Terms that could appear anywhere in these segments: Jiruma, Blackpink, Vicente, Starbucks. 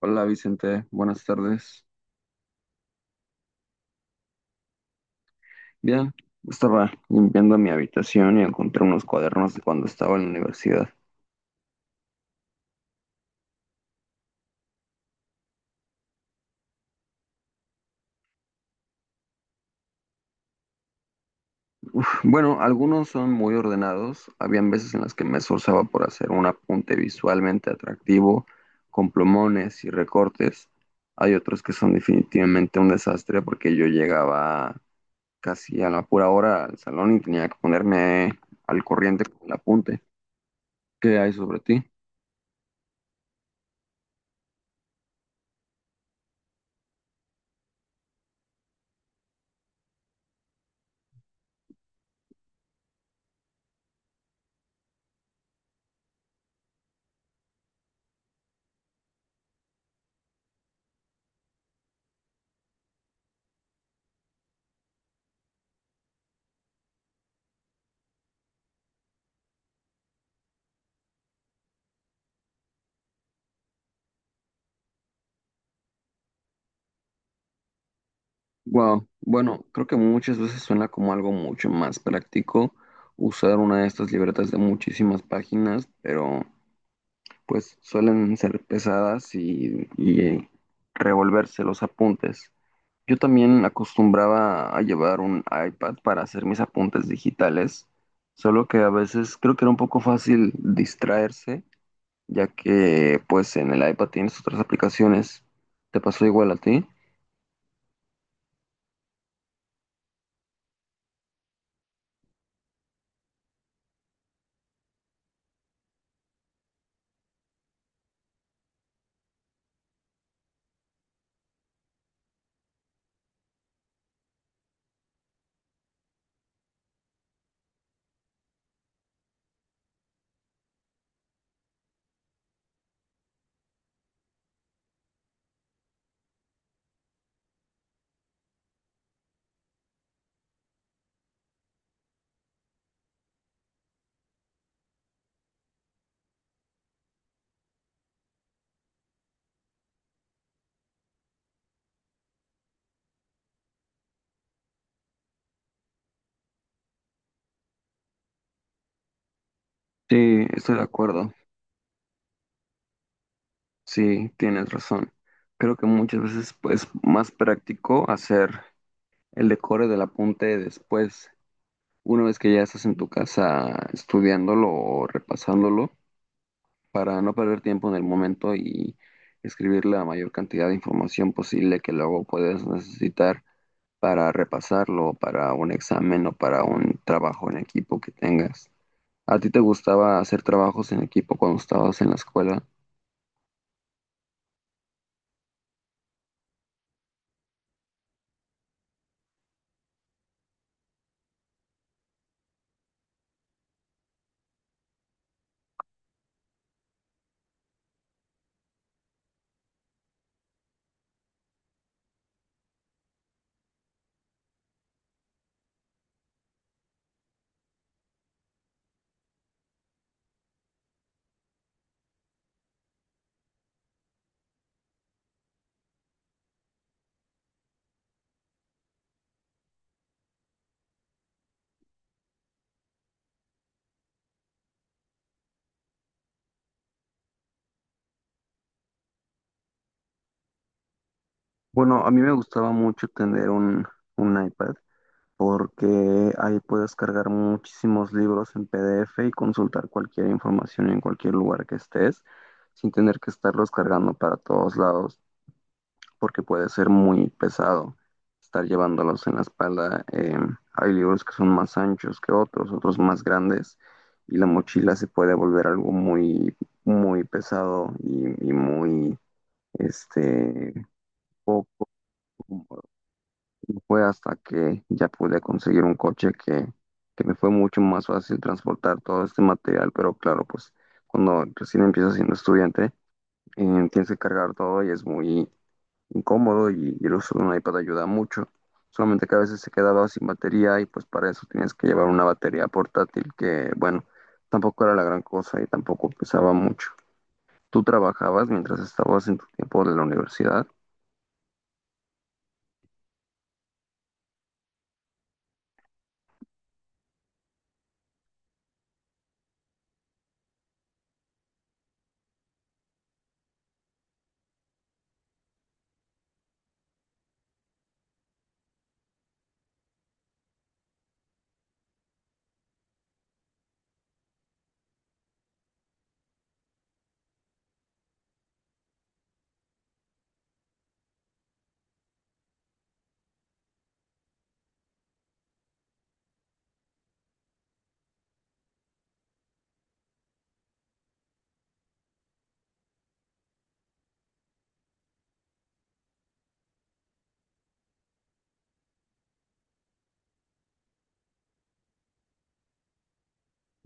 Hola Vicente, buenas tardes. Bien, estaba limpiando mi habitación y encontré unos cuadernos de cuando estaba en la universidad. Bueno, algunos son muy ordenados. Habían veces en las que me esforzaba por hacer un apunte visualmente atractivo, con plumones y recortes. Hay otros que son definitivamente un desastre porque yo llegaba casi a la pura hora al salón y tenía que ponerme al corriente con el apunte. ¿Qué hay sobre ti? Wow, bueno, creo que muchas veces suena como algo mucho más práctico usar una de estas libretas de muchísimas páginas, pero pues suelen ser pesadas y revolverse los apuntes. Yo también acostumbraba a llevar un iPad para hacer mis apuntes digitales, solo que a veces creo que era un poco fácil distraerse, ya que pues en el iPad tienes otras aplicaciones. ¿Te pasó igual a ti? Sí, estoy de acuerdo. Sí, tienes razón. Creo que muchas veces pues, es más práctico hacer el decore del apunte después, una vez que ya estás en tu casa estudiándolo o repasándolo, para no perder tiempo en el momento y escribir la mayor cantidad de información posible que luego puedes necesitar para repasarlo, para un examen o para un trabajo en equipo que tengas. ¿A ti te gustaba hacer trabajos en equipo cuando estabas en la escuela? Bueno, a mí me gustaba mucho tener un iPad porque ahí puedes cargar muchísimos libros en PDF y consultar cualquier información en cualquier lugar que estés sin tener que estarlos cargando para todos lados porque puede ser muy pesado estar llevándolos en la espalda. Hay libros que son más anchos que otros, otros más grandes y la mochila se puede volver algo muy, muy pesado y muy este, poco cómodo. Fue hasta que ya pude conseguir un coche que me fue mucho más fácil transportar todo este material, pero claro, pues cuando recién empiezas siendo estudiante, tienes que cargar todo y es muy incómodo y el uso de un iPad ayuda mucho. Solamente que a veces se quedaba sin batería y pues para eso tienes que llevar una batería portátil que, bueno, tampoco era la gran cosa y tampoco pesaba mucho. ¿Tú trabajabas mientras estabas en tu tiempo de la universidad?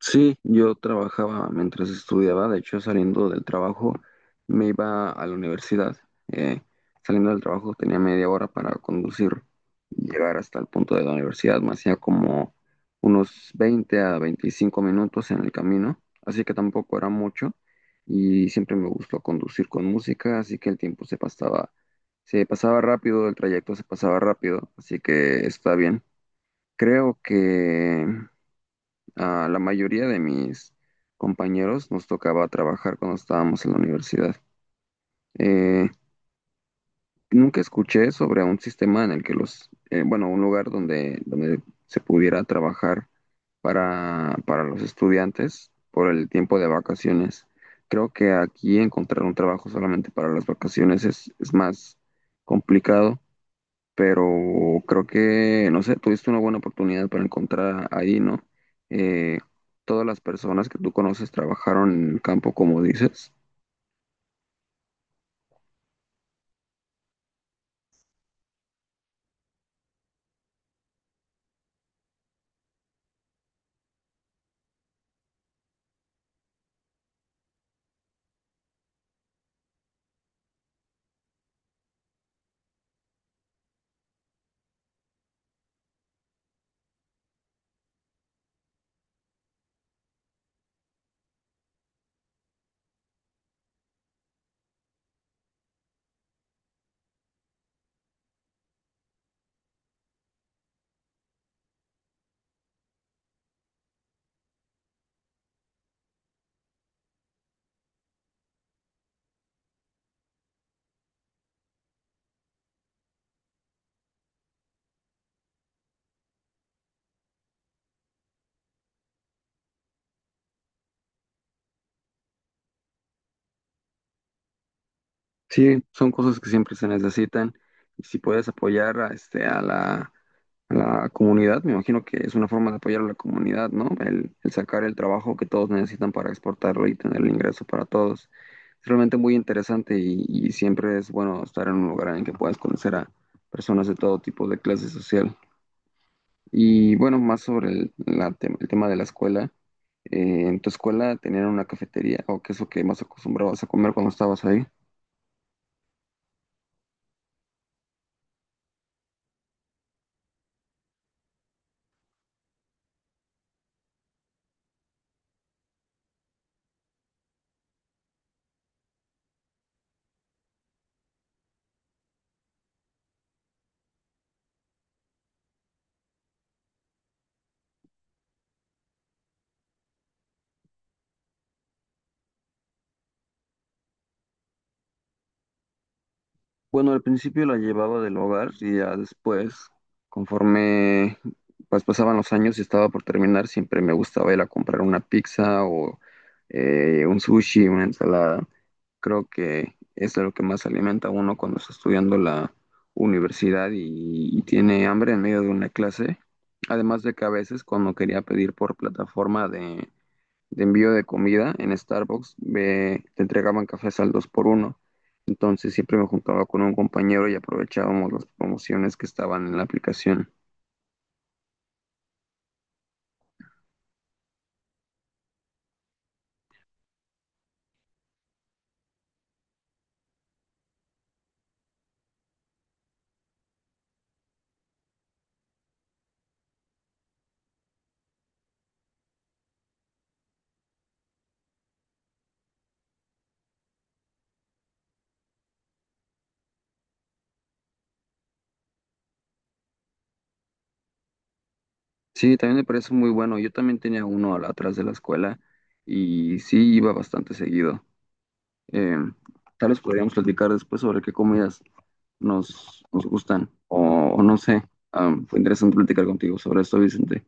Sí, yo trabajaba mientras estudiaba, de hecho saliendo del trabajo me iba a la universidad. Eh, Saliendo del trabajo tenía media hora para conducir y llegar hasta el punto de la universidad. Me hacía como unos 20 a 25 minutos en el camino, así que tampoco era mucho y siempre me gustó conducir con música, así que el tiempo se pasaba rápido, el trayecto se pasaba rápido, así que está bien. Creo que a la mayoría de mis compañeros nos tocaba trabajar cuando estábamos en la universidad. Eh, Nunca escuché sobre un sistema en el que un lugar donde se pudiera trabajar para los estudiantes por el tiempo de vacaciones. Creo que aquí encontrar un trabajo solamente para las vacaciones es más complicado pero creo que, no sé, tuviste una buena oportunidad para encontrar ahí, ¿no? Eh, Todas las personas que tú conoces trabajaron en el campo, como dices. Sí, son cosas que siempre se necesitan. Y si puedes apoyar a a la comunidad, me imagino que es una forma de apoyar a la comunidad, ¿no? El sacar el trabajo que todos necesitan para exportarlo y tener el ingreso para todos. Es realmente muy interesante y siempre es bueno estar en un lugar en el que puedas conocer a personas de todo tipo de clase social. Y bueno, más sobre el tema de la escuela. ¿En tu escuela tenían una cafetería o qué es lo que más acostumbrabas a comer cuando estabas ahí? Bueno, al principio la llevaba del hogar y ya después, conforme pues pasaban los años y estaba por terminar, siempre me gustaba ir a comprar una pizza o un sushi, una ensalada. Creo que es de lo que más se alimenta a uno cuando está estudiando la universidad y tiene hambre en medio de una clase. Además de que a veces cuando quería pedir por plataforma de envío de comida en Starbucks, te entregaban cafés al 2x1. Entonces siempre me juntaba con un compañero y aprovechábamos las promociones que estaban en la aplicación. Sí, también me parece muy bueno. Yo también tenía uno al- atrás de la escuela y sí iba bastante seguido. Eh, tal vez podríamos platicar después sobre qué comidas nos gustan o no sé. Ah, fue interesante platicar contigo sobre esto, Vicente.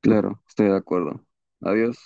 Claro, estoy de acuerdo. Adiós.